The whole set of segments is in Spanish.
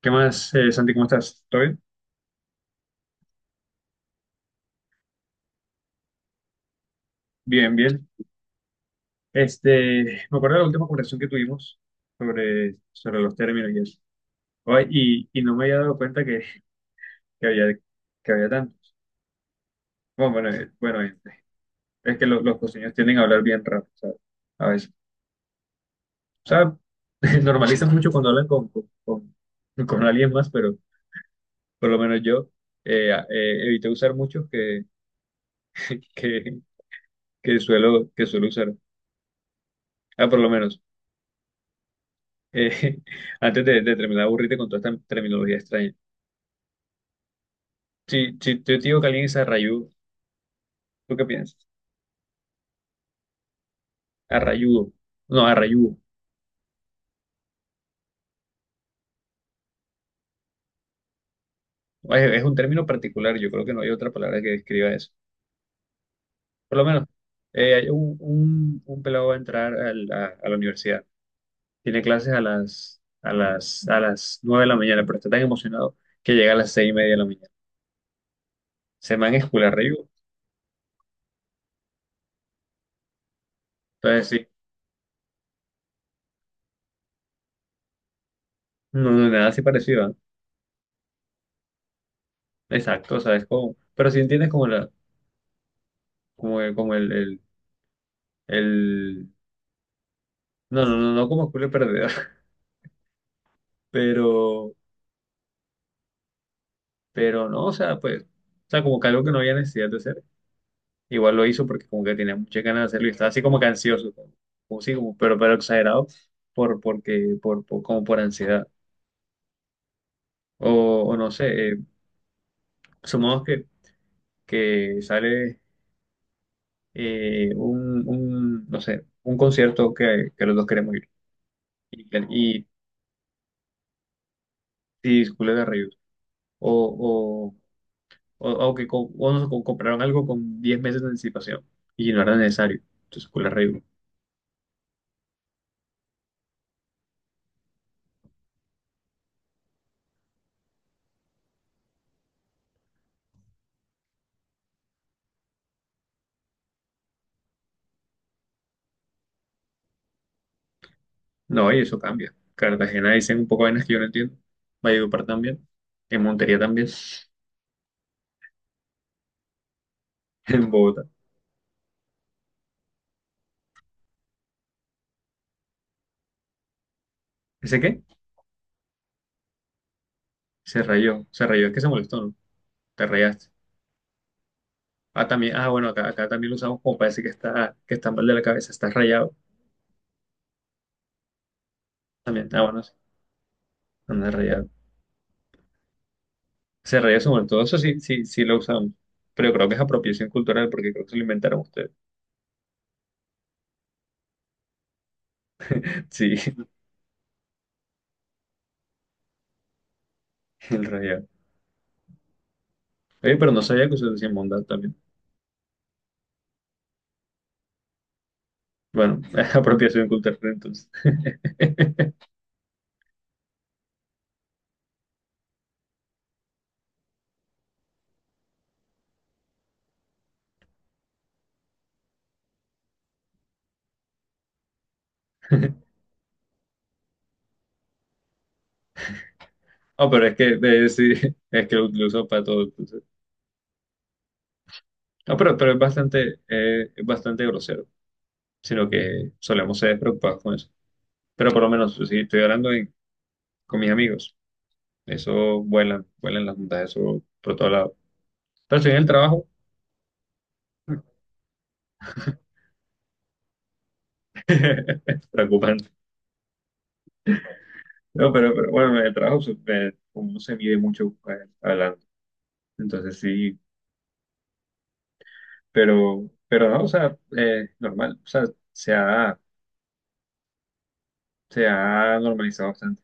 ¿Qué más, Santi? ¿Cómo estás? ¿Todo bien? Bien, bien. Este, me acuerdo de la última conversación que tuvimos sobre los términos y eso. Ay, y no me había dado cuenta que había, que había tantos. Bueno, bueno, bueno, es que los costeños tienden a hablar bien rápido, ¿sabes? A veces. O sea, normalizan mucho cuando hablan con alguien más, pero por lo menos yo evité usar muchos que, que suelo usar. Ah, por lo menos. Eh, antes de terminar, de aburrirte con toda esta terminología extraña. Si yo te digo que alguien es arrayudo, ¿tú qué piensas? Arrayudo. No, arrayudo. Es un término particular, yo creo que no hay otra palabra que describa eso. Por lo menos, hay un pelado va a entrar a la universidad. Tiene clases a las 9 de la mañana, pero está tan emocionado que llega a las 6:30 de la mañana. Se man es full arrayudo. Entonces, sí, no, no, nada así parecido, ¿eh? Exacto, ¿sabes cómo? Pero si entiendes como la, como el El... No, no, no, no como culo perdedor, pero, pero no, o sea, pues, o sea, como que algo que no había necesidad de hacer. Igual lo hizo porque como que tenía muchas ganas de hacerlo y estaba así como que ansioso, como, como sí, como, pero exagerado, porque como por ansiedad. O, o no sé, sumamos que sale un, no sé, un concierto que los dos queremos ir. Y, y, y Julio Garrido. O, o nos compraron algo con 10 meses de anticipación y no era necesario. Entonces, con la regla. No, y eso cambia. Cartagena dicen un poco de vainas que yo no entiendo. Valledupar también. En Montería también. En Bogotá. ¿Ese qué? Se rayó. Se rayó, es que se molestó, ¿no? Te rayaste. Ah, también, ah, bueno, acá también lo usamos como parece que está mal de la cabeza, está rayado. También, ah, bueno, sí, anda rayado. Se rayó, se molestó. Eso sí, sí, sí lo usamos. Pero creo que es apropiación cultural porque creo que se lo inventaron ustedes. Sí, el rayado. Oye, pero no sabía que se decía mondad también. Bueno, es apropiación cultural entonces. Ah, pero es que sí, es que lo uso para todo. Entonces. Ah, pero es bastante grosero, sino que solemos ser preocupados con eso. Pero por lo menos, si estoy hablando con mis amigos, eso vuelan, vuelan las juntas, eso por todo lado. Pero si en el trabajo, preocupante. No, pero bueno, en el trabajo uno se mide mucho hablando. Entonces sí. Pero no, o sea, normal, o sea, se ha, se ha normalizado bastante.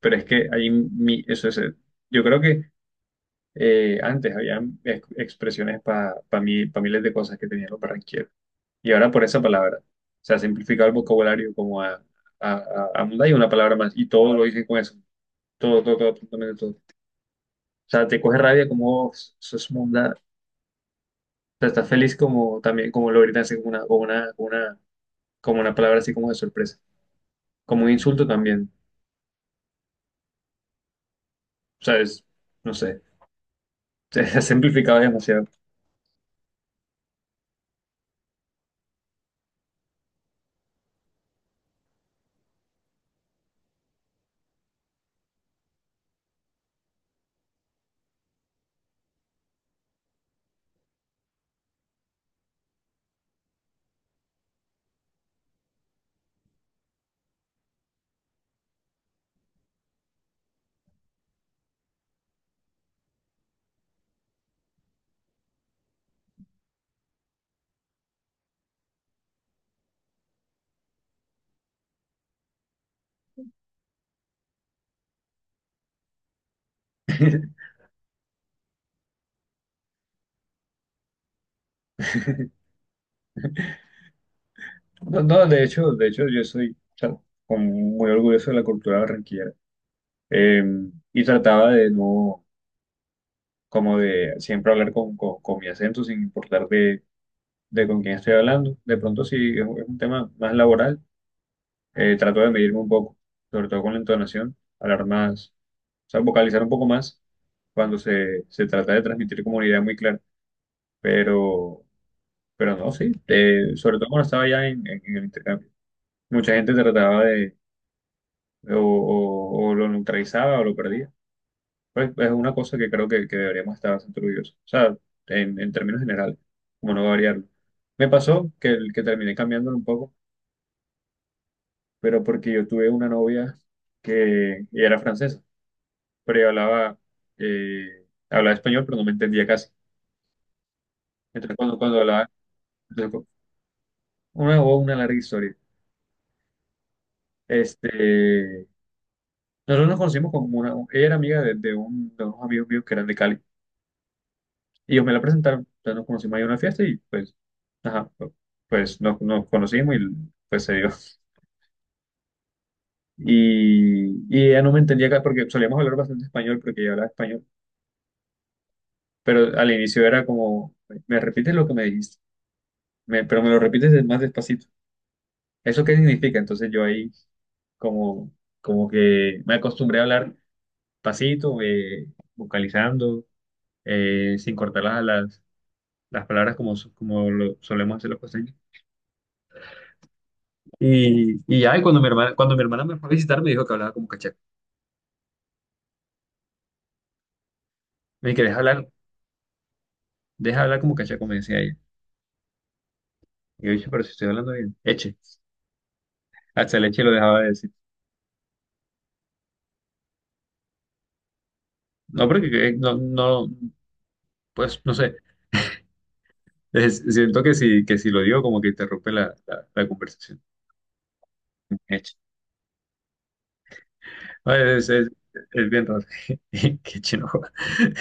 Pero es que eso es, yo creo que antes habían expresiones para mí, pa miles de cosas que tenían los barranquilleros. Y ahora por esa palabra, se ha simplificado el vocabulario como a hay una palabra más, y todo lo dicen con eso, todo, todo, todo, absolutamente todo. O sea, te coge rabia como, eso es munda, o sea, estás feliz como también, como lo gritan así como una palabra así como de sorpresa. Como un insulto también. O sea, es, no sé, se ha simplificado demasiado. No, no, de hecho, yo soy, o sea, como muy orgulloso de la cultura barranquillera. Eh, y trataba de no, como de siempre hablar con mi acento, sin importar de con quién estoy hablando. De pronto, si es, un tema más laboral, trato de medirme un poco, sobre todo con la entonación, hablar más, o sea, vocalizar un poco más cuando se trata de transmitir como una idea muy clara. Pero Pero no, sí, sobre todo cuando estaba ya en el intercambio. Mucha gente trataba de, o lo neutralizaba o lo perdía. Pues es una cosa que creo que deberíamos estar bastante orgullosos. O sea, en términos generales, como no variarlo. Me pasó que, que terminé cambiándolo un poco, pero porque yo tuve una novia que ella era francesa, pero ella hablaba, eh, hablaba español, pero no me entendía casi. Entonces, cuando hablaba, entonces, una larga historia. Este. Nosotros nos conocimos con una, ella era amiga de, de unos amigos míos que eran de Cali. Y ellos me la presentaron, entonces nos conocimos ahí en una fiesta y pues, ajá, pues nos conocimos y pues se dio. Y ella no me entendía acá porque solíamos hablar bastante español porque ella hablaba español, pero al inicio era como, me repites lo que me dijiste, pero me lo repites más despacito. ¿Eso qué significa? Entonces yo ahí como, como que me acostumbré a hablar pasito, vocalizando, sin cortar las palabras como lo solemos hacer los costeños. Y ya, y cuando mi hermana me fue a visitar, me dijo que hablaba como cachaco. Me dijo que deja hablar como cachaco, me decía ella. Y yo dije, pero si estoy hablando bien, eche. Hasta el eche lo dejaba de decir. No, porque no, no, pues no sé. Es, siento que si lo digo, como que interrumpe la conversación. Eche. No, Es bien raro. Qué chino.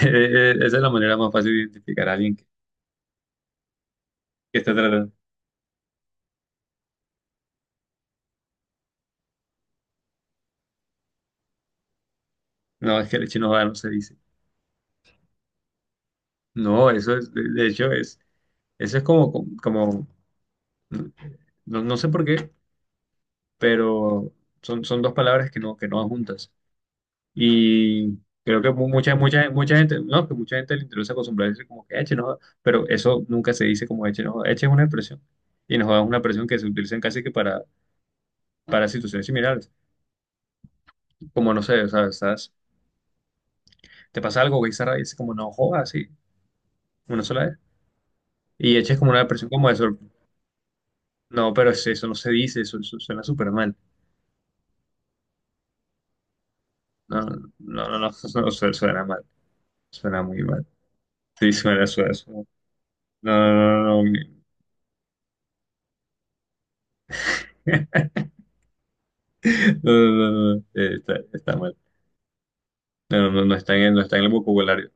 Esa es la manera más fácil de identificar a alguien que está tratando. No, es que el eche no va, no se dice. No, eso es, de hecho, es, eso es como, no, no sé por qué, pero son dos palabras que no van juntas. Y creo que mucha gente, no, que mucha gente le interesa acostumbrarse como que eche, no, pero eso nunca se dice como eche, no, eche es una expresión. Y nos da una expresión que se utiliza casi que para situaciones similares. Como, no sé, o sea, estás, te pasa algo, güey, y dices como, no, joda, así, una sola vez. Y eche es como una expresión como de No, pero es, eso no se dice, eso suena súper mal. No, no, no, no, no, no, suena mal, suena muy mal. Sí, suena, suena, suena. No, no, no, no, no, no, no, no, no, está mal. No, no, no está en el vocabulario.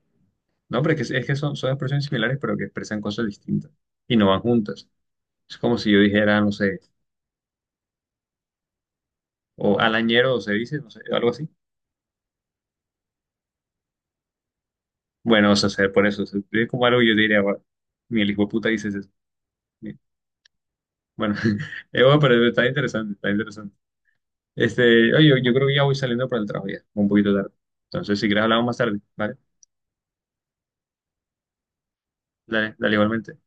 No, pero es que son, son expresiones similares, pero que expresan cosas distintas y no van juntas. Es como si yo dijera, no sé, o alañero, o se dice, no sé, algo así. Bueno, o sea, se, por eso, se escribe como algo y yo diría, "Bueno, mi el hijo de puta dices eso". Bien, bueno, bueno, pero está interesante, está interesante. Este, oye, yo creo que ya voy saliendo para el trabajo ya, un poquito tarde. Entonces, si quieres hablamos más tarde, ¿vale? Dale, dale igualmente.